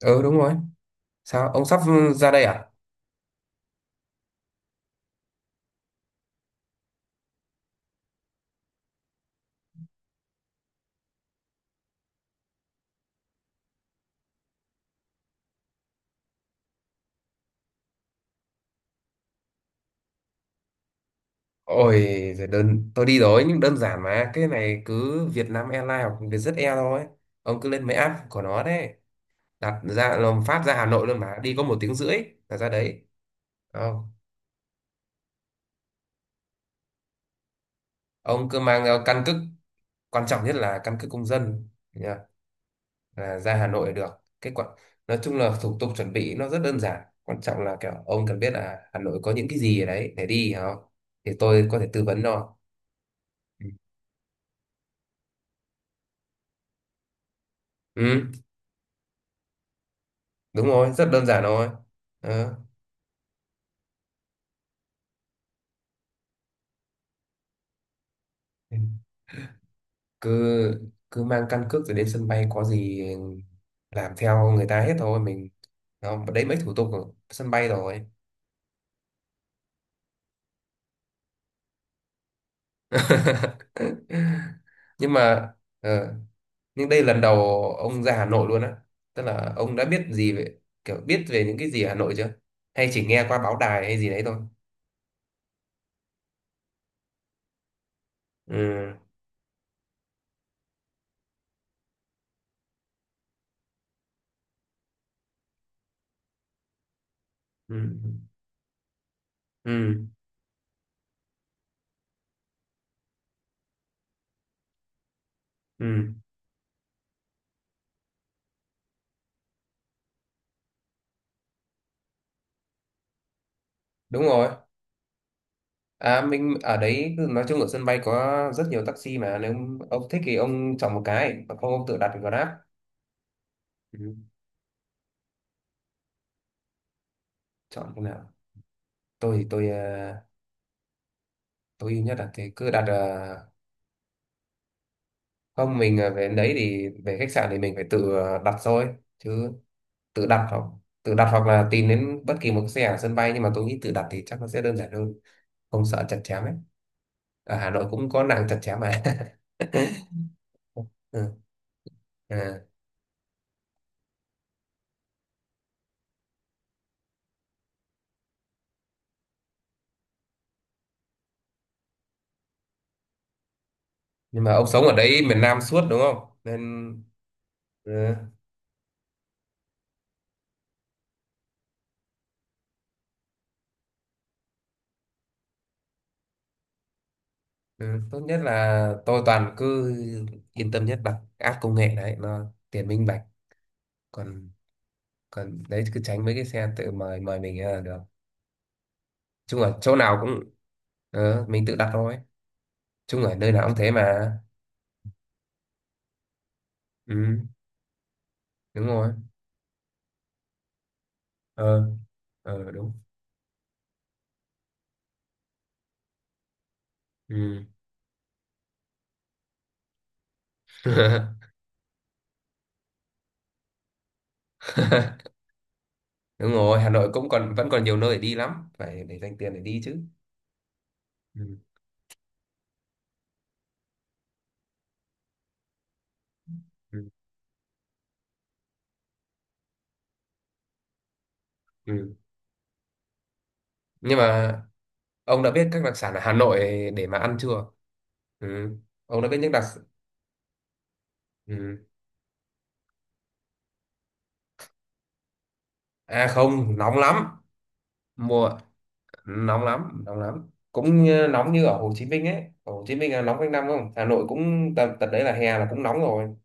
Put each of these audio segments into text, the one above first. Ừ, đúng rồi. Sao ông sắp ra đây à? Ôi giời, đơn tôi đi rồi nhưng đơn giản mà, cái này cứ Vietnam Airlines hoặc Vietjet Air thôi. Ông cứ lên mấy app của nó đấy, đặt ra làm phát ra Hà Nội luôn, mà đi có 1 tiếng rưỡi là ra đấy. Không, ông cứ mang căn cước, quan trọng nhất là căn cước công dân nhá, là ra Hà Nội được. Cái quan- nói chung là thủ tục chuẩn bị nó rất đơn giản, quan trọng là kiểu ông cần biết là Hà Nội có những cái gì ở đấy để đi, hiểu không? Thì tôi có thể tư vấn cho. Ừ. Ừ. Đúng rồi, rất đơn giản thôi. Đó. Cứ cứ mang căn cước rồi đến sân bay, có gì làm theo người ta hết thôi mình. Đó, đấy mấy thủ tục ở sân bay rồi. Nhưng mà ờ, nhưng đây lần đầu ông ra Hà Nội luôn á, tức là ông đã biết gì về- kiểu biết về những cái gì ở Hà Nội chưa, hay chỉ nghe qua báo đài hay gì đấy thôi? Ừ ừ ừ ừ ừ Đúng rồi. À, mình ở đấy cứ- nói chung ở sân bay có rất nhiều taxi, mà nếu ông thích thì ông chọn một cái, còn không ông tự đặt thì Grab. Ừ. Chọn cái nào? Tôi thì tôi tôi nhất là thì cứ đặt không, mình về đến đấy thì về khách sạn thì mình phải tự đặt thôi chứ. Tự đặt hoặc- tự đặt hoặc là tìm đến bất kỳ một cái xe ở sân bay, nhưng mà tôi nghĩ tự đặt thì chắc nó sẽ đơn giản hơn, không sợ chặt chém ấy. Ở Hà Nội cũng có nàng chặt chém mà. Ừ. À. Nhưng mà ông sống ở đấy miền Nam suốt đúng không nên- Ừ. Ừ, tốt nhất là tôi toàn cứ yên tâm nhất là app công nghệ đấy, nó tiền minh bạch. Còn- còn đấy cứ tránh mấy cái xe tự mời mời mình là được. Chung ở chỗ nào cũng mình tự đặt thôi. Chung ở nơi nào cũng thế mà. Ừ, đúng rồi. Ờ, ờ đúng. Ừ. Đúng rồi, Hà Nội cũng còn vẫn còn nhiều nơi để đi lắm, phải để dành tiền để đi chứ. Ừ. Ừ. Ừ. Nhưng mà ông đã biết các đặc sản ở Hà Nội để mà ăn chưa? Ừ. Ông đã biết những đặc- Ừ. À không, nóng lắm. Mùa nóng lắm, nóng lắm. Cũng như, nóng như ở Hồ Chí Minh ấy. Ở Hồ Chí Minh là nóng quanh năm không? Hà Nội cũng tầm tận đấy, là hè là cũng nóng rồi.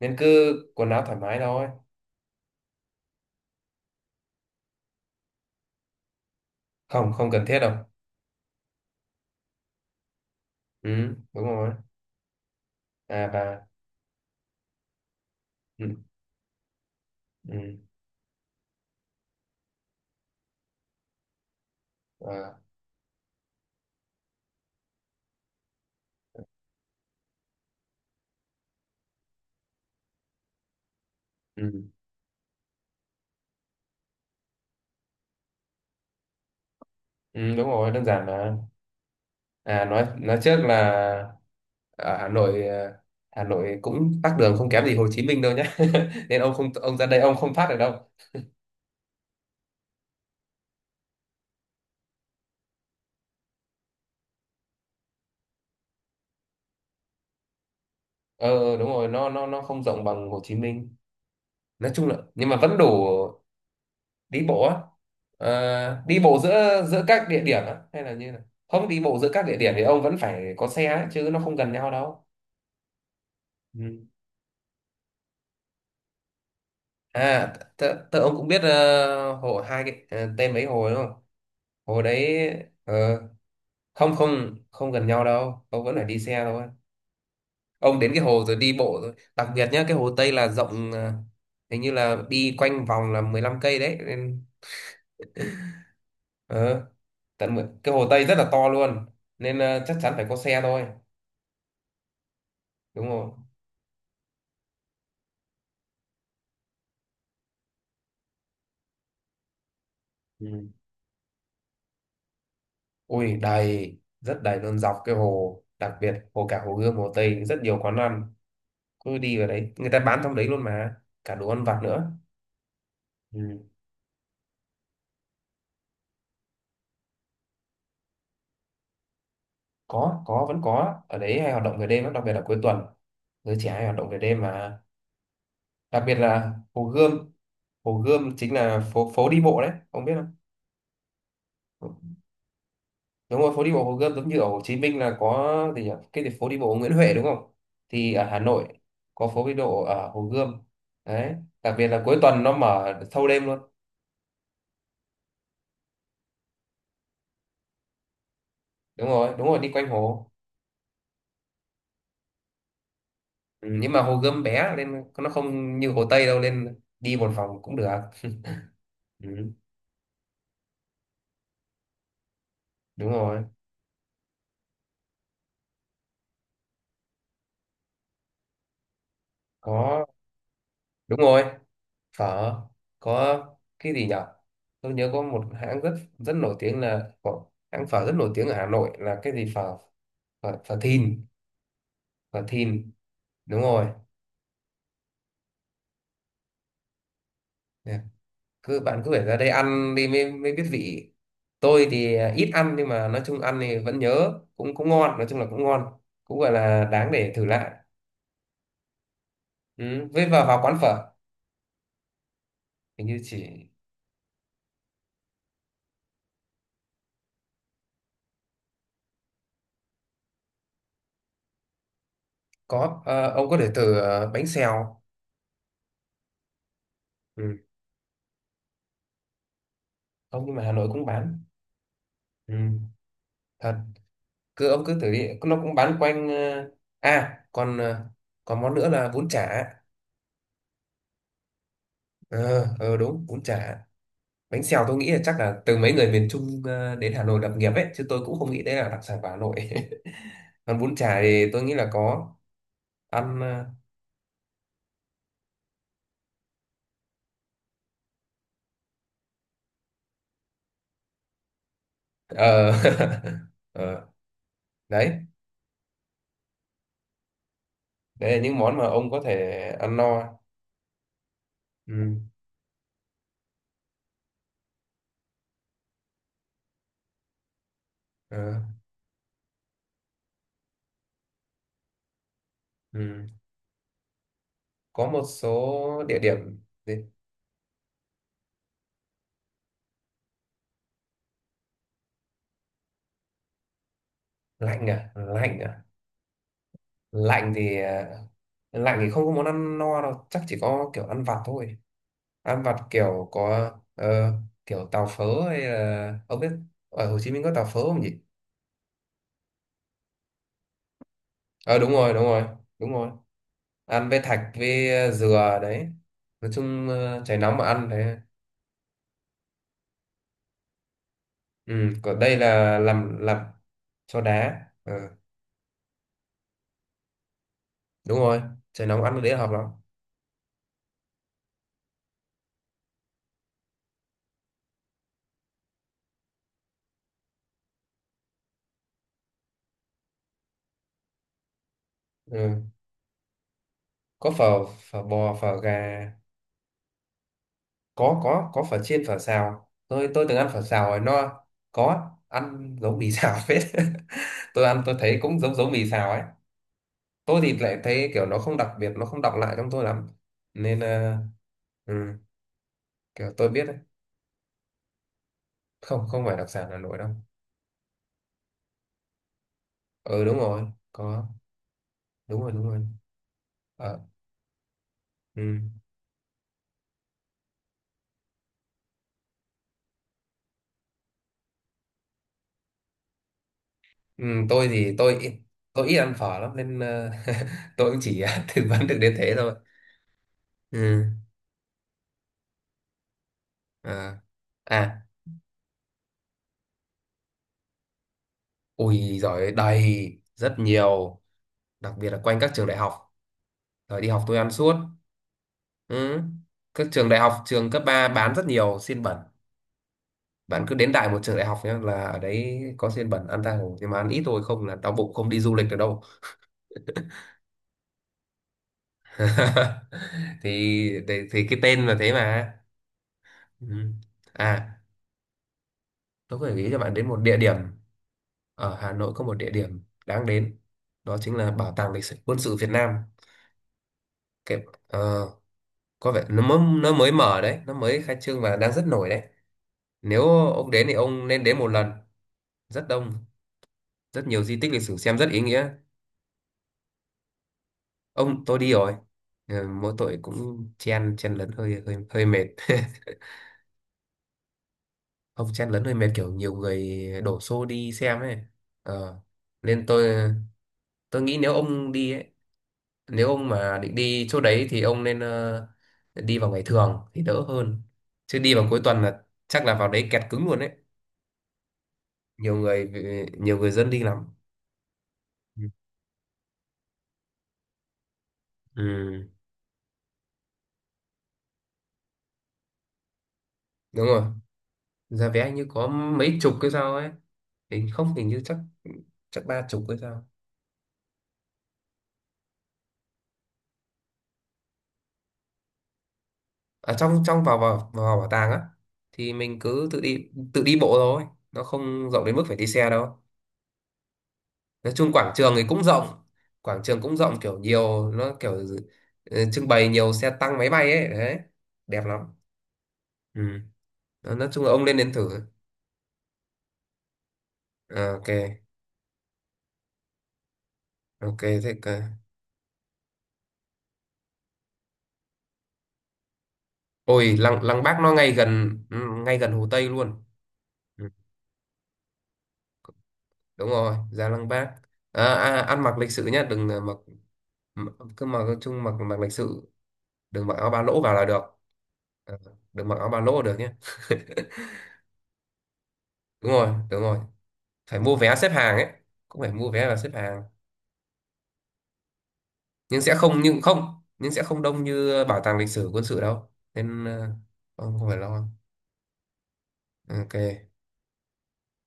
Nên cứ quần áo thoải mái thôi. Không, không cần thiết đâu. Ừ, đúng rồi. À và- ừ, ừ, à, ừ, ừ, đúng rồi, đơn giản mà. À, nói trước là ở Hà Nội à, Hà Nội cũng tắc đường không kém gì Hồ Chí Minh đâu nhé. Nên ông không- ông ra đây ông không thoát được đâu. Ờ đúng rồi, nó không rộng bằng Hồ Chí Minh. Nói chung là nhưng mà vẫn đủ. Đi bộ á? Ờ, đi bộ giữa giữa các địa điểm á hay là như là- Không, đi bộ giữa các địa điểm thì ông vẫn phải có xe ấy, chứ nó không gần nhau đâu. Ừ. À tớ, tớ- ông cũng biết hồ hai cái tên mấy hồ đúng không, hồ đấy. Ờ, không không không gần nhau đâu, ông vẫn phải đi xe thôi. Ông đến cái hồ rồi đi bộ rồi, đặc biệt nhá cái hồ Tây là rộng, hình như là đi quanh vòng là 15 cây đấy. Ờ, tận mười- cái Hồ Tây rất là to luôn, nên chắc chắn phải có xe thôi. Đúng rồi. Ừ. Ui đầy, rất đầy luôn dọc cái hồ, đặc biệt hồ cả Hồ Gươm Hồ Tây rất nhiều quán ăn. Cứ đi vào đấy người ta bán trong đấy luôn mà, cả đồ ăn vặt nữa. Ừ. Có, vẫn có ở đấy hay hoạt động về đêm lắm, đặc biệt là cuối tuần, giới trẻ hay hoạt động về đêm mà. Đặc biệt là Hồ Gươm. Hồ Gươm chính là phố phố đi bộ đấy, ông biết không? Đúng rồi, phố đi bộ Hồ Gươm, giống như ở Hồ Chí Minh là có gì nhỉ, cái gì phố đi bộ Nguyễn Huệ đúng không. Thì ở Hà Nội có phố đi bộ ở Hồ Gươm đấy, đặc biệt là cuối tuần nó mở thâu đêm luôn. Đúng rồi, đúng rồi, đi quanh hồ. Ừ, nhưng mà Hồ Gươm bé nên nó không như Hồ Tây đâu, nên đi một vòng cũng được. Ừ, đúng rồi. Có. Đúng rồi. Phở. Có. Cái gì nhỉ, tôi nhớ có một hãng rất rất nổi tiếng là có hãng phở rất nổi tiếng ở Hà Nội là cái gì phở- phở Thìn. Phở Thìn, đúng rồi. Nè, cứ bạn cứ phải ra đây ăn đi mới- mới biết vị. Tôi thì à, ít ăn, nhưng mà nói chung ăn thì vẫn nhớ, cũng cũng ngon, nói chung là cũng ngon, cũng gọi là đáng để thử lại. Ừ. Với vào vào quán phở hình như chỉ có ông có thể thử bánh xèo. Ừ. Không, nhưng mà Hà Nội cũng bán. Ừ. Thật, cứ ông cứ thử đi, nó cũng bán quanh à còn còn món nữa là bún chả. Ờ ờ, đúng, bún chả. Bánh xèo tôi nghĩ là chắc là từ mấy người miền Trung đến Hà Nội lập nghiệp ấy, chứ tôi cũng không nghĩ đấy là đặc sản của Hà Nội. Còn bún chả thì tôi nghĩ là có ăn. Ờ. Ờ, đấy, đấy là những món mà ông có thể ăn no. Ừ. Ờ, ừ. Có một số địa điểm gì? Lạnh à? Lạnh à? Lạnh thì lạnh thì không có món ăn no đâu, chắc chỉ có kiểu ăn vặt thôi. Ăn vặt kiểu có kiểu tàu phớ hay là ông biết, ở Hồ Chí Minh có tàu phớ không nhỉ? Ờ đúng rồi, đúng rồi, đúng rồi. Ăn với thạch với dừa đấy. Nói chung trời nóng mà ăn thế. Ừ. Còn đây là làm cho đá, ừ, đúng rồi. Trời nóng ăn cái đấy là hợp lắm. Ừ. Có phở, phở bò, phở gà. Có phở chiên, phở xào. Tôi từng ăn phở xào rồi, nó có ăn giống mì xào phết. Tôi ăn tôi thấy cũng giống giống mì xào ấy. Tôi thì lại thấy kiểu nó không đặc biệt, nó không đọng lại trong tôi lắm, nên ừ, kiểu tôi biết không không phải đặc sản Hà Nội đâu. Ừ đúng rồi. Có. Đúng rồi, đúng rồi. Ờ, ừ. Ừ, tôi thì tôi ít ăn phở lắm nên tôi cũng chỉ tư vấn được đến thế thôi. Ừ. À. À. Ui giỏi, đầy rất nhiều. Đặc biệt là quanh các trường đại học, rồi đi học tôi ăn suốt. Ừ. Các trường đại học, trường cấp 3 bán rất nhiều xiên bẩn. Bạn cứ đến đại một trường đại học nhé, là ở đấy có xiên bẩn ăn tha hồ, nhưng mà ăn ít thôi không là đau bụng không đi du lịch được đâu. Thì, thì cái tên là thế mà. Ừ. À, tôi có thể gợi cho bạn đến một địa điểm. Ở Hà Nội có một địa điểm đáng đến, đó chính là Bảo tàng lịch sử quân sự Việt Nam. Cái, ờ, có vẻ nó mới mở đấy, nó mới khai trương và đang rất nổi đấy. Nếu ông đến thì ông nên đến một lần. Rất đông, rất nhiều di tích lịch sử, xem rất ý nghĩa. Ông- tôi đi rồi. Ừ, mỗi tội cũng chen chen lấn hơi hơi hơi mệt. Không, chen lấn hơi mệt, kiểu nhiều người đổ xô đi xem ấy. Ờ. Nên tôi- tôi nghĩ nếu ông đi ấy, nếu ông mà định đi chỗ đấy thì ông nên đi vào ngày thường thì đỡ hơn, chứ đi vào cuối tuần là chắc là vào đấy kẹt cứng luôn đấy, nhiều người, nhiều người dân đi lắm. Ừ. Ừ, đúng rồi. Giá vé hình như có mấy chục cái sao ấy. Thì không, hình như chắc- chắc ba chục cái sao. Ở trong- trong vào vào vào bảo tàng á, thì mình cứ tự đi, tự đi bộ thôi, nó không rộng đến mức phải đi xe đâu. Nói chung quảng trường thì cũng rộng, quảng trường cũng rộng, kiểu nhiều nó kiểu ừ, trưng bày nhiều xe tăng máy bay ấy đấy, đẹp lắm. Ừ. Đó, nói chung là ông lên đến thử. À, ok. Ok thế cơ. Ôi lăng- lăng Bác nó ngay gần ừ, ngay gần Hồ Tây luôn. Ừ. Đúng rồi, ra lăng Bác. À, à, ăn mặc lịch sự nhá, đừng mặc- m- cứ mặc, nói chung mặc- mặc lịch sự, đừng mặc áo ba lỗ vào là được. Ờ, được mặc áo ba lỗ được nhé. Đúng rồi, đúng rồi, phải mua vé xếp hàng ấy. Cũng phải mua vé và xếp hàng. Nhưng sẽ không- nhưng không- nhưng sẽ không đông như bảo tàng lịch sử quân sự đâu, nên ông không phải lo. Ok.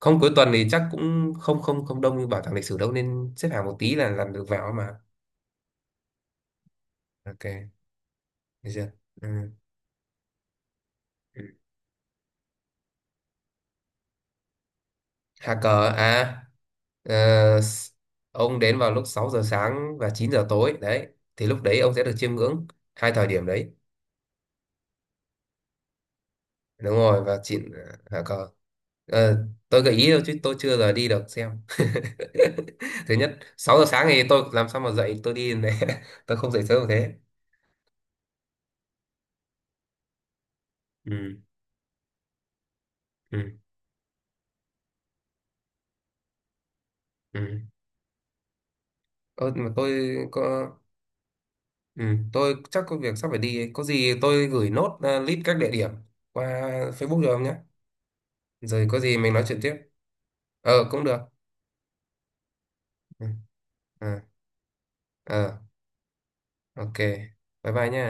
Không, cuối tuần thì chắc cũng không- không đông như bảo tàng lịch sử đâu, nên xếp hàng một tí là làm được vào mà. Ok, được chưa? Ừ. Hạ cờ à? Ờ, s- ông đến vào lúc 6 giờ sáng và 9 giờ tối đấy, thì lúc đấy ông sẽ được chiêm ngưỡng hai thời điểm đấy. Đúng rồi, và chỉnh- hả cờ. Ờ, tôi gợi ý thôi chứ tôi chưa giờ đi được xem. Thứ nhất 6 giờ sáng thì tôi làm sao mà dậy tôi đi này, tôi không dậy sớm được thế. Ừ. Ừ. Ừ. Ơ, mà tôi có- ừ, tôi chắc có việc sắp phải đi ấy, có gì tôi gửi nốt list các địa điểm qua Facebook được không nhé, rồi có gì mình nói chuyện tiếp. Ờ cũng được. Ừ. Ờ. Ờ, ok, bye bye nha.